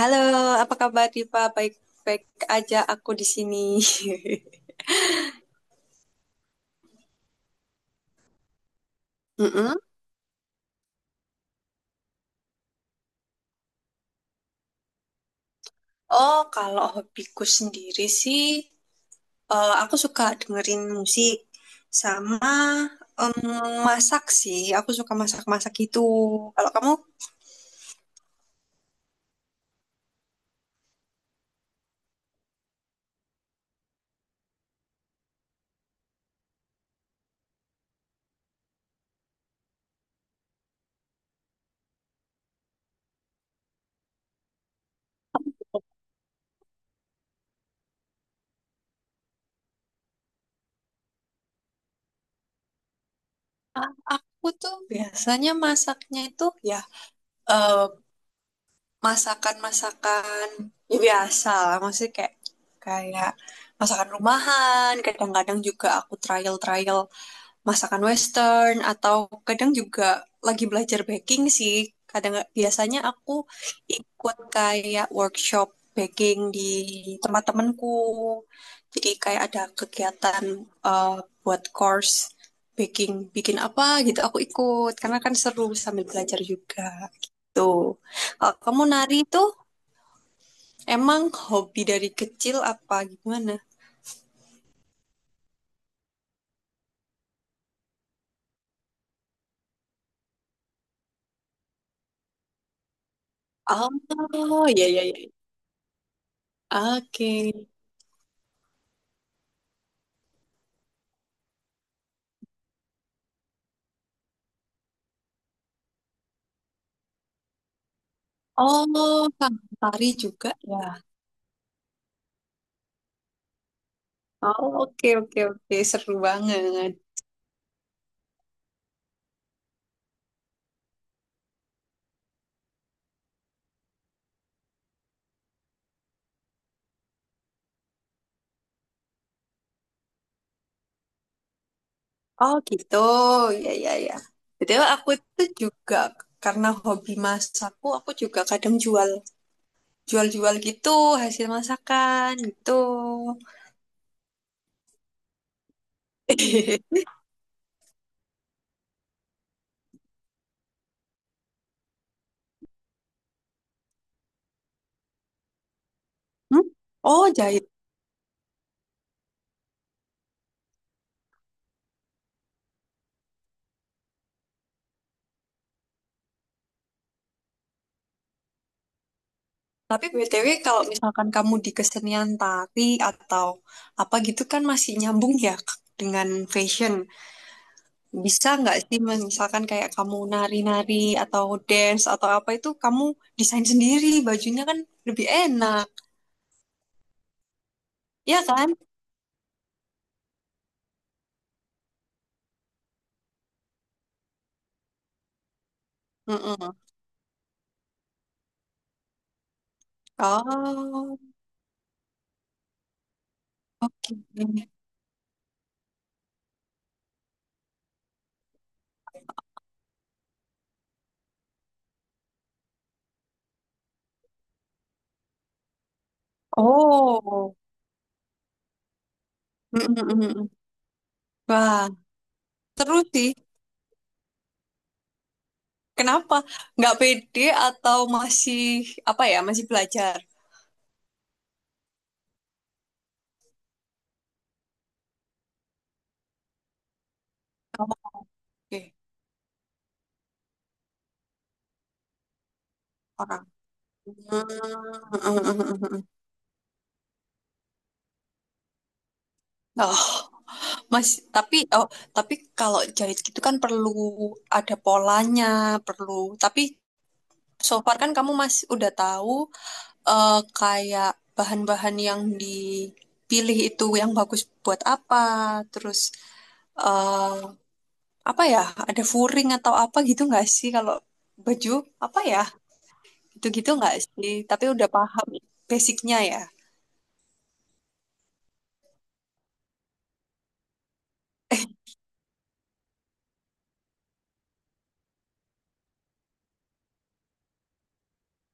Halo, apa kabar Diva? Baik-baik aja aku di sini. mm Oh, kalau hobiku sendiri sih, aku suka dengerin musik sama em, masak sih. Aku suka masak-masak gitu. Kalau kamu, aku tuh biasanya masaknya itu ya eh, masakan-masakan ya biasa lah. Maksudnya kayak kayak masakan rumahan. Kadang-kadang juga aku trial-trial masakan western atau kadang juga lagi belajar baking sih. Kadang biasanya aku ikut kayak workshop baking di tempat temanku. Jadi kayak ada kegiatan eh, buat course baking, bikin apa gitu aku ikut karena kan seru sambil belajar juga gitu. Kalau kamu nari itu emang hobi dari kecil apa gimana? Oh, iya iya iya. Oke. Oh, sama tari juga ya. Oh, oke, oke, oke. Seru banget. Oh, gitu. Ya, ya, ya. Betul, aku itu juga karena hobi masakku, aku juga kadang jual-jual gitu hasil masakan gitu. Hmm? Oh, jahit. Tapi BTW kalau misalkan kamu di kesenian tari atau apa gitu kan masih nyambung ya dengan fashion. Bisa nggak sih, Mas? Misalkan kayak kamu nari-nari atau dance atau apa itu kamu desain sendiri, bajunya kan lebih enak, ya kan? Mm-mm. Oh, oke. Oh, Mm-mm-mm. Wah, seru sih. Kenapa? Nggak pede atau masih apa ya? Masih belajar? Oke, orang. Hmm, Mm-mm. Oh, Mas, tapi oh, tapi kalau jahit gitu kan perlu ada polanya, perlu. Tapi so far kan kamu masih udah tahu kayak bahan-bahan yang dipilih itu yang bagus buat apa, terus eh, apa ya? Ada furing atau apa gitu nggak sih kalau baju apa ya? Gitu-gitu nggak sih? Tapi udah paham basicnya ya.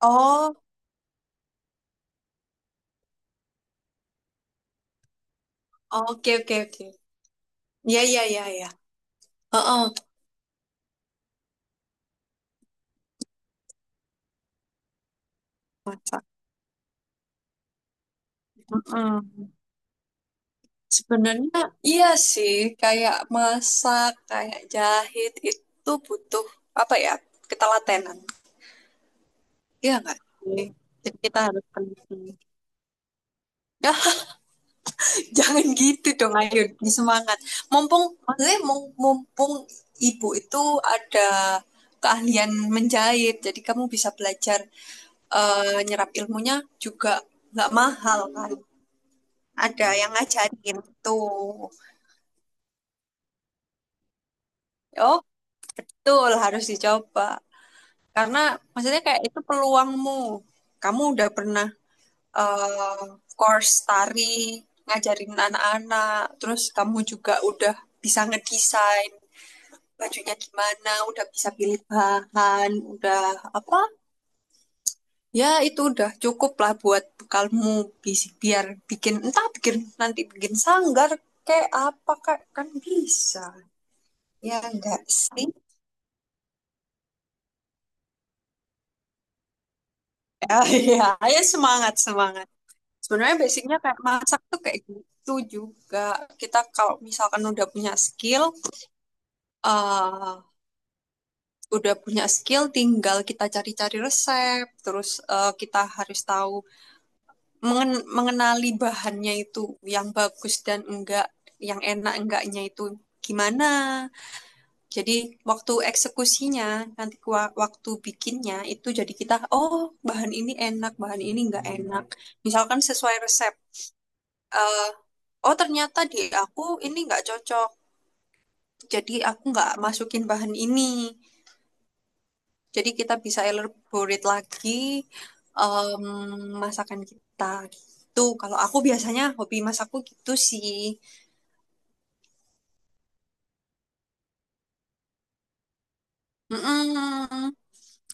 Oh, oke oke oke. Ya ya ya ya. Heeh, masak. Heeh. Sebenarnya iya sih, kayak masak, kayak jahit itu butuh apa ya? Ketelatenan. Iya enggak? Jadi kita ya, jangan gitu dong, ayo semangat. Mumpung maksudnya mumpung ibu itu ada keahlian menjahit, jadi kamu bisa belajar nyerap ilmunya juga nggak mahal kan. Ada yang ngajarin tuh. Oh, betul harus dicoba. Karena maksudnya kayak itu peluangmu. Kamu udah pernah eh, course tari, ngajarin anak-anak, terus kamu juga udah bisa ngedesain bajunya gimana, udah bisa pilih bahan, udah apa? Ya itu udah cukup lah buat bekalmu biar bikin entah bikin nanti bikin sanggar kayak apa kak kan bisa ya enggak sih. Ya ya ayo semangat semangat. Sebenarnya basicnya kayak masak tuh kayak gitu juga. Kita kalau misalkan udah punya eh skill, tinggal kita cari-cari resep. Terus kita harus tahu mengenali bahannya itu yang bagus dan enggak, yang enak enggaknya itu gimana. Jadi waktu eksekusinya nanti waktu bikinnya itu jadi kita oh bahan ini enak, bahan ini enggak enak. Misalkan sesuai resep. Eh, oh ternyata di aku ini nggak cocok. Jadi aku nggak masukin bahan ini. Jadi kita bisa elaborate lagi masakan kita gitu. Kalau aku biasanya hobi masakku gitu sih. Mm-mm.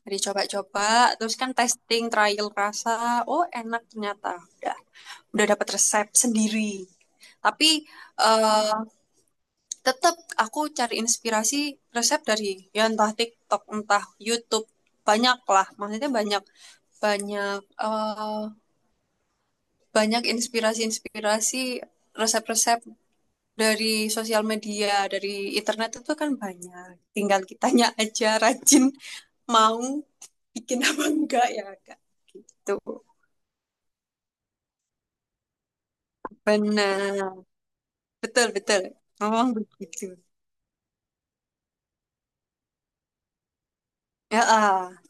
Jadi coba-coba, terus kan testing, trial rasa. Oh enak ternyata. Udah, udah dapat resep sendiri. Tapi eh, tetap aku cari inspirasi resep dari ya entah TikTok, entah YouTube, banyak lah. Maksudnya banyak banyak eh, banyak inspirasi-inspirasi resep-resep dari sosial media, dari internet itu kan banyak. Tinggal kitanya aja rajin mau bikin apa enggak ya, Kak. Gitu. Benar. Betul, betul. Ngomong begitu. Ya,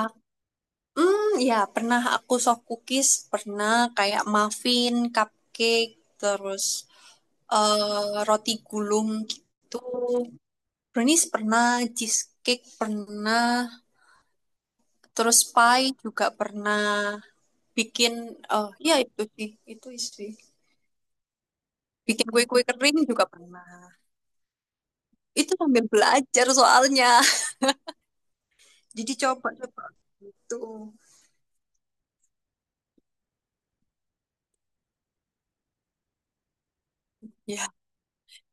ah. Hmm, ya pernah aku soft cookies, pernah kayak muffin, cupcake, terus roti gulung gitu. Brownies pernah, cheesecake pernah, terus pie juga pernah. Bikin, ya itu sih, itu sih. Bikin kue-kue kering juga pernah. Itu sambil belajar soalnya. Jadi coba-coba gitu. Ya,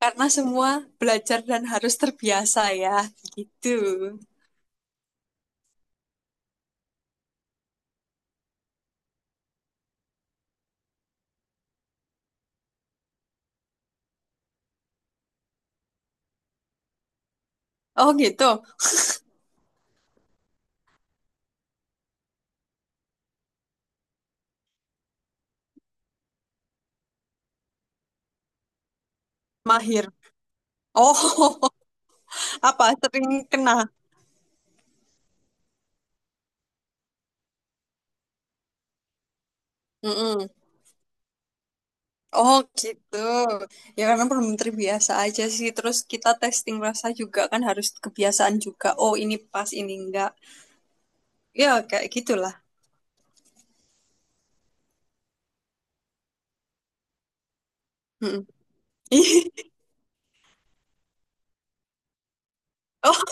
karena semua belajar dan harus terbiasa ya, gitu. Oh gitu. Mahir. Oh, apa sering kena? Mm-mm. Oh, gitu. Ya karena belum terbiasa aja sih. Terus kita testing rasa juga kan harus kebiasaan juga. Oh, ini pas, ini enggak. Ya kayak gitulah. Mm-mm. Oh,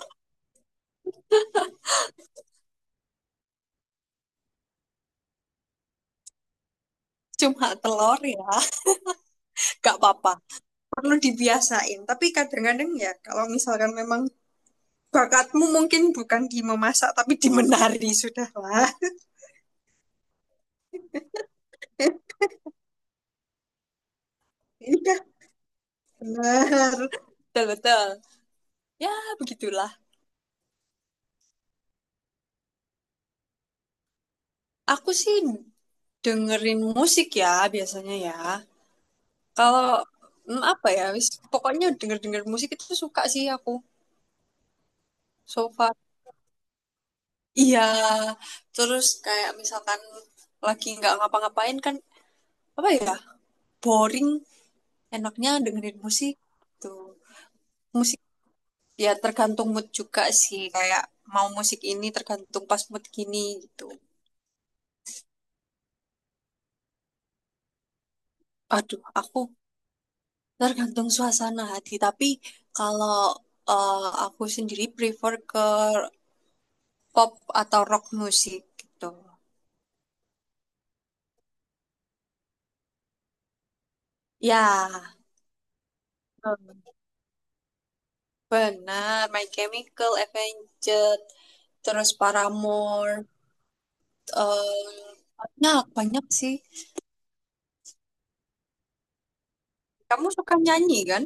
cuma telur ya. Gak apa-apa. Perlu dibiasain. Tapi kadang-kadang ya kalau misalkan memang bakatmu mungkin bukan di memasak tapi di menari sudahlah. Iya, benar. Betul, betul. Ya, begitulah. Aku sih dengerin musik ya biasanya ya. Kalau apa ya, wis, pokoknya denger-denger musik itu suka sih aku so far. Iya, terus kayak misalkan lagi nggak ngapa-ngapain kan apa ya, boring, enaknya dengerin musik tuh. Musik ya tergantung mood juga sih, kayak mau musik ini tergantung pas mood gini gitu. Aduh, aku tergantung suasana hati, tapi kalau eh, aku sendiri prefer ke pop atau rock musik gitu. Ya, Hmm. Benar. My Chemical Avenged, terus Paramore, em, banyak banyak sih. Kamu suka nyanyi kan?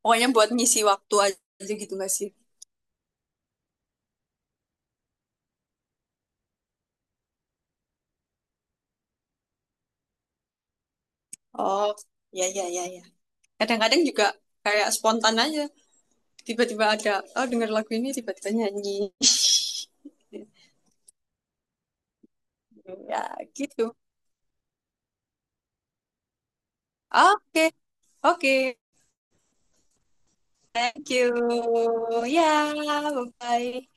Pokoknya buat ngisi waktu aja gitu gak sih? Oh, ya ya ya ya. Kadang-kadang juga kayak spontan aja. Tiba-tiba ada, oh denger lagu ini tiba-tiba nyanyi. Ya, gitu. Oke, oke. Thank you. Ya, bye-bye.